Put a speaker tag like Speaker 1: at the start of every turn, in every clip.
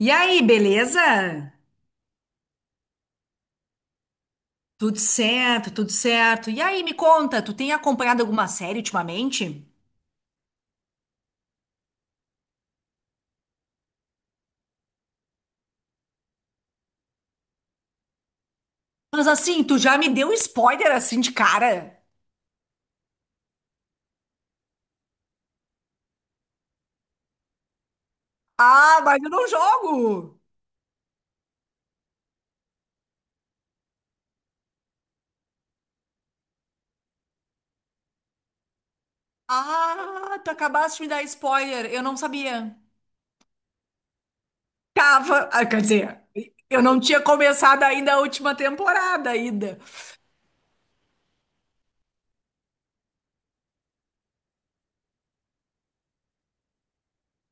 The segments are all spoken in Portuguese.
Speaker 1: E aí, beleza? Tudo certo, tudo certo. E aí, me conta, tu tem acompanhado alguma série ultimamente? Mas assim, tu já me deu um spoiler assim de cara. Ah, mas eu não jogo. Ah, tu acabaste de me dar spoiler, eu não sabia. Tava, ah, quer dizer, eu não tinha começado ainda a última temporada ainda.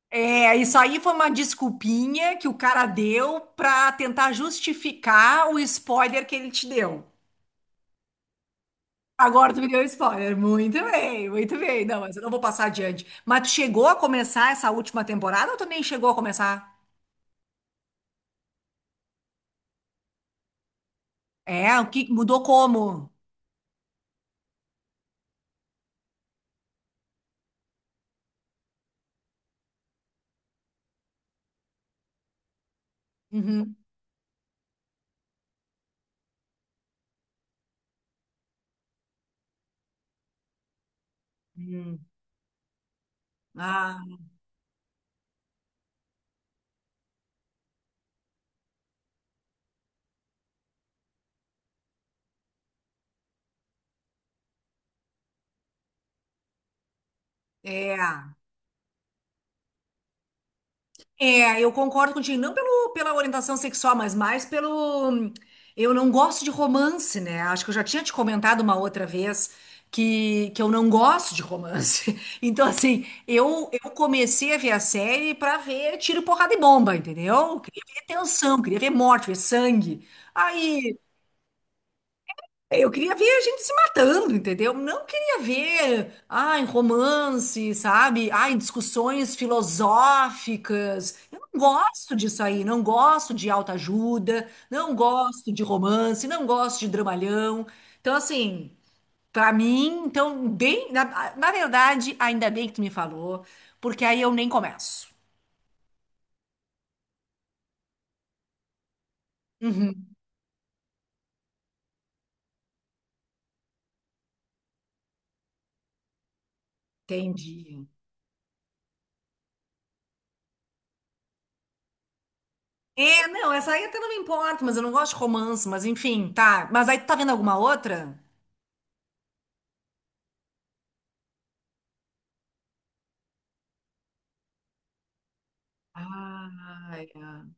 Speaker 1: É, isso aí foi uma desculpinha que o cara deu pra tentar justificar o spoiler que ele te deu. Agora tu me deu spoiler. Muito bem, muito bem. Não, mas eu não vou passar adiante. Mas tu chegou a começar essa última temporada ou tu nem chegou a começar? É, o que mudou como? Uhum. Hum. Ah, é. É, eu concordo contigo, não pelo, pela orientação sexual, mas mais pelo. Eu não gosto de romance, né? Acho que eu já tinha te comentado uma outra vez que eu não gosto de romance. Então, assim, eu comecei a ver a série pra ver tiro, porrada e bomba, entendeu? Queria ver tensão, queria ver morte, ver sangue. Aí é, eu queria ver a gente se matando, entendeu? Não queria ver, ai, romance, sabe? Ai, discussões filosóficas. Eu não gosto disso aí, não gosto de autoajuda, não gosto de romance, não gosto de dramalhão. Então, assim, pra mim, então, bem, na verdade, ainda bem que tu me falou, porque aí eu nem começo. Uhum, entendi. É, não, essa aí até não me importa, mas eu não gosto de romance, mas enfim, tá. Mas aí tu tá vendo alguma outra? Ah, é.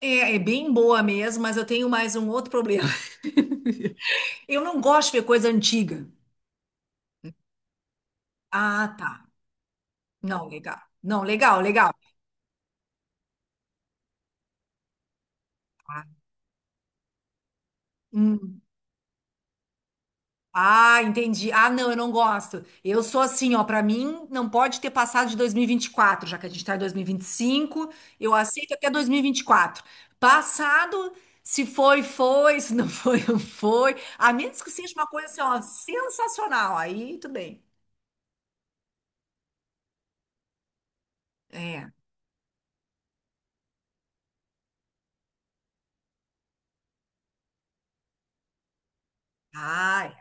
Speaker 1: É, é bem boa mesmo, mas eu tenho mais um outro problema. Eu não gosto de ver coisa antiga. Ah, tá. Não, legal. Não, legal, legal. Ah, hum. Ah, entendi. Ah, não, eu não gosto. Eu sou assim, ó, pra mim não pode ter passado de dois mil e vinte e quatro, já que a gente tá em dois mil e vinte e cinco. Eu aceito até dois mil e vinte e quatro. Passado, se foi, foi, se não foi, não foi. A menos que seja uma coisa assim, ó, sensacional, aí tudo bem. É. Ah,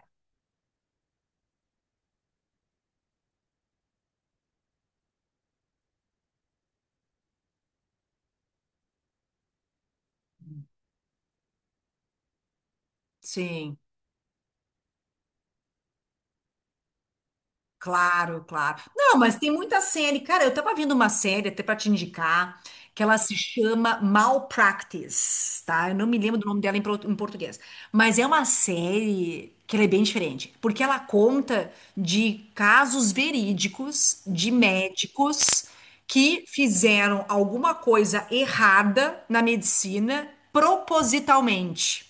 Speaker 1: sim, claro, claro. Não, mas tem muita série. Cara, eu tava vendo uma série até pra te indicar, que ela se chama Malpractice, tá? Eu não me lembro do nome dela em português. Mas é uma série que ela é bem diferente, porque ela conta de casos verídicos de médicos que fizeram alguma coisa errada na medicina propositalmente.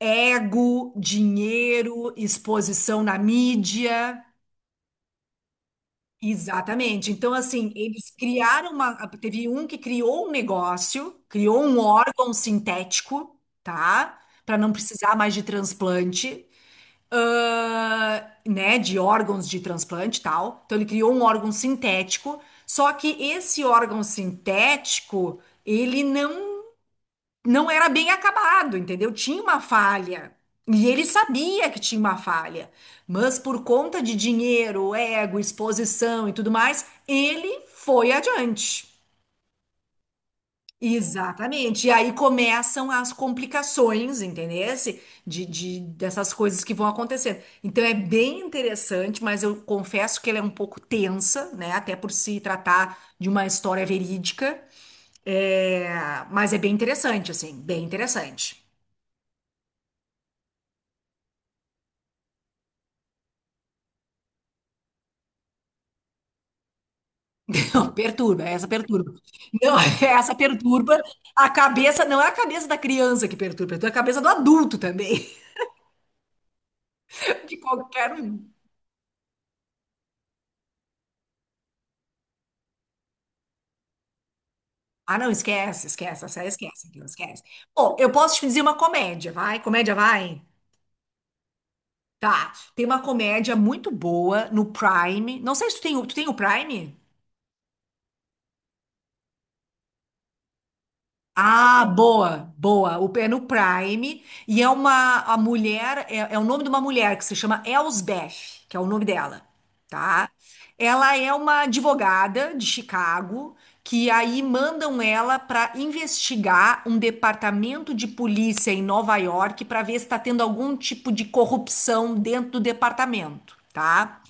Speaker 1: Ego, dinheiro, exposição na mídia. Exatamente. Então, assim, eles criaram uma. Teve um que criou um negócio, criou um órgão sintético, tá? Para não precisar mais de transplante, né? De órgãos de transplante e tal. Então, ele criou um órgão sintético. Só que esse órgão sintético, ele não era bem acabado, entendeu? Tinha uma falha. E ele sabia que tinha uma falha, mas por conta de dinheiro, ego, exposição e tudo mais, ele foi adiante. Exatamente. E aí começam as complicações, entendesse? De, dessas coisas que vão acontecendo. Então é bem interessante, mas eu confesso que ela é um pouco tensa, né? Até por se tratar de uma história verídica. É, mas é bem interessante, assim, bem interessante. Não, perturba, é essa perturba. Não, essa perturba a cabeça, não é a cabeça da criança que perturba, é a cabeça do adulto também, de qualquer um. Ah, não, esquece, esquece, essa aí esquece, aquilo, esquece. Bom, eu posso te dizer uma comédia, vai? Comédia vai? Tá. Tem uma comédia muito boa no Prime. Não sei se tu tem, tu tem o Prime? Ah, boa, boa. O é no Prime e é uma a mulher é, é o nome de uma mulher que se chama Elsbeth, que é o nome dela, tá? Ela é uma advogada de Chicago que aí mandam ela para investigar um departamento de polícia em Nova York para ver se está tendo algum tipo de corrupção dentro do departamento, tá?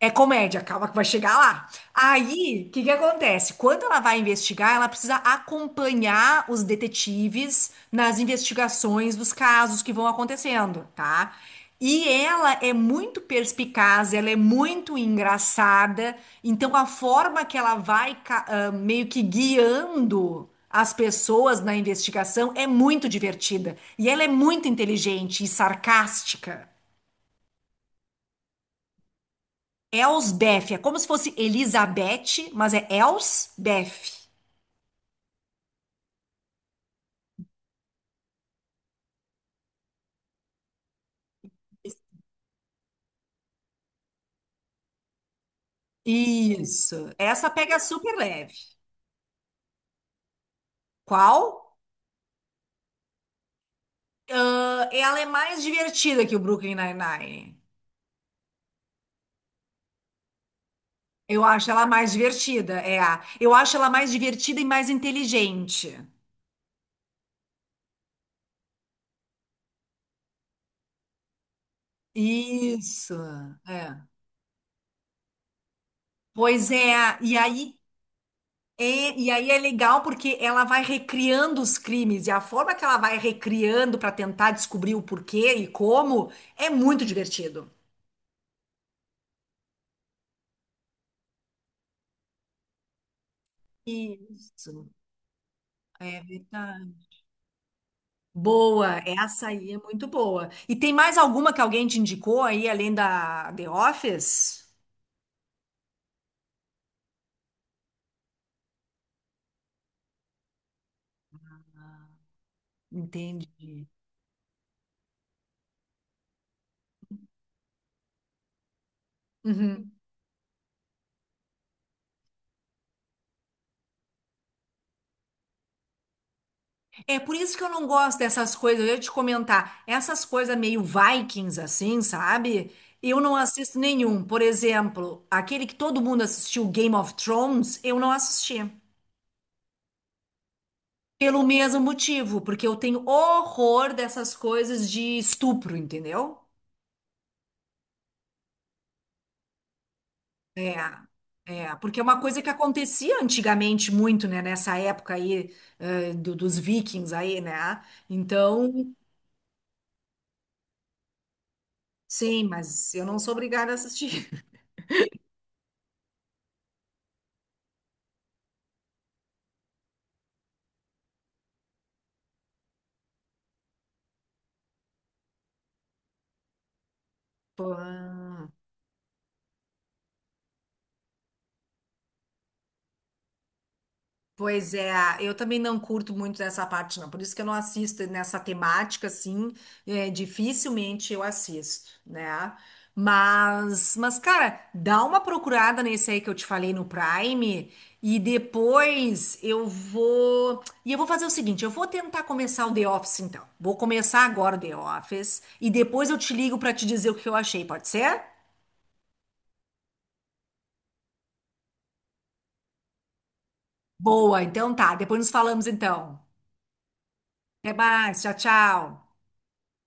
Speaker 1: É comédia, calma que vai chegar lá. Aí, o que que acontece? Quando ela vai investigar, ela precisa acompanhar os detetives nas investigações dos casos que vão acontecendo, tá? E ela é muito perspicaz, ela é muito engraçada, então a forma que ela vai meio que guiando as pessoas na investigação é muito divertida. E ela é muito inteligente e sarcástica. Elsbeth, é como se fosse Elizabeth, mas é Elsbeth. Isso. Essa pega super leve. Qual? Ah, ela é mais divertida que o Brooklyn Nine-Nine. Eu acho ela mais divertida, é a. Eu acho ela mais divertida e mais inteligente. Isso. É. Pois é, e aí é, e aí é legal porque ela vai recriando os crimes e a forma que ela vai recriando para tentar descobrir o porquê e como é muito divertido. Isso, é verdade. Boa, essa aí é muito boa. E tem mais alguma que alguém te indicou aí, além da The Office? Entendi. Uhum. É por isso que eu não gosto dessas coisas. Eu ia te comentar, essas coisas meio Vikings, assim, sabe? Eu não assisto nenhum. Por exemplo, aquele que todo mundo assistiu, Game of Thrones, eu não assisti. Pelo mesmo motivo, porque eu tenho horror dessas coisas de estupro, entendeu? É, é, porque é uma coisa que acontecia antigamente muito, né, nessa época aí, dos vikings aí, né? Então, sim, mas eu não sou obrigada a assistir. Pô. Pois é, eu também não curto muito dessa parte, não. Por isso que eu não assisto nessa temática, assim, é, dificilmente eu assisto, né? Mas, cara, dá uma procurada nesse aí que eu te falei no Prime e depois eu vou. E eu vou fazer o seguinte: eu vou tentar começar o The Office, então. Vou começar agora o The Office e depois eu te ligo pra te dizer o que eu achei, pode ser? Boa, então tá. Depois nos falamos, então. Até mais, tchau, tchau.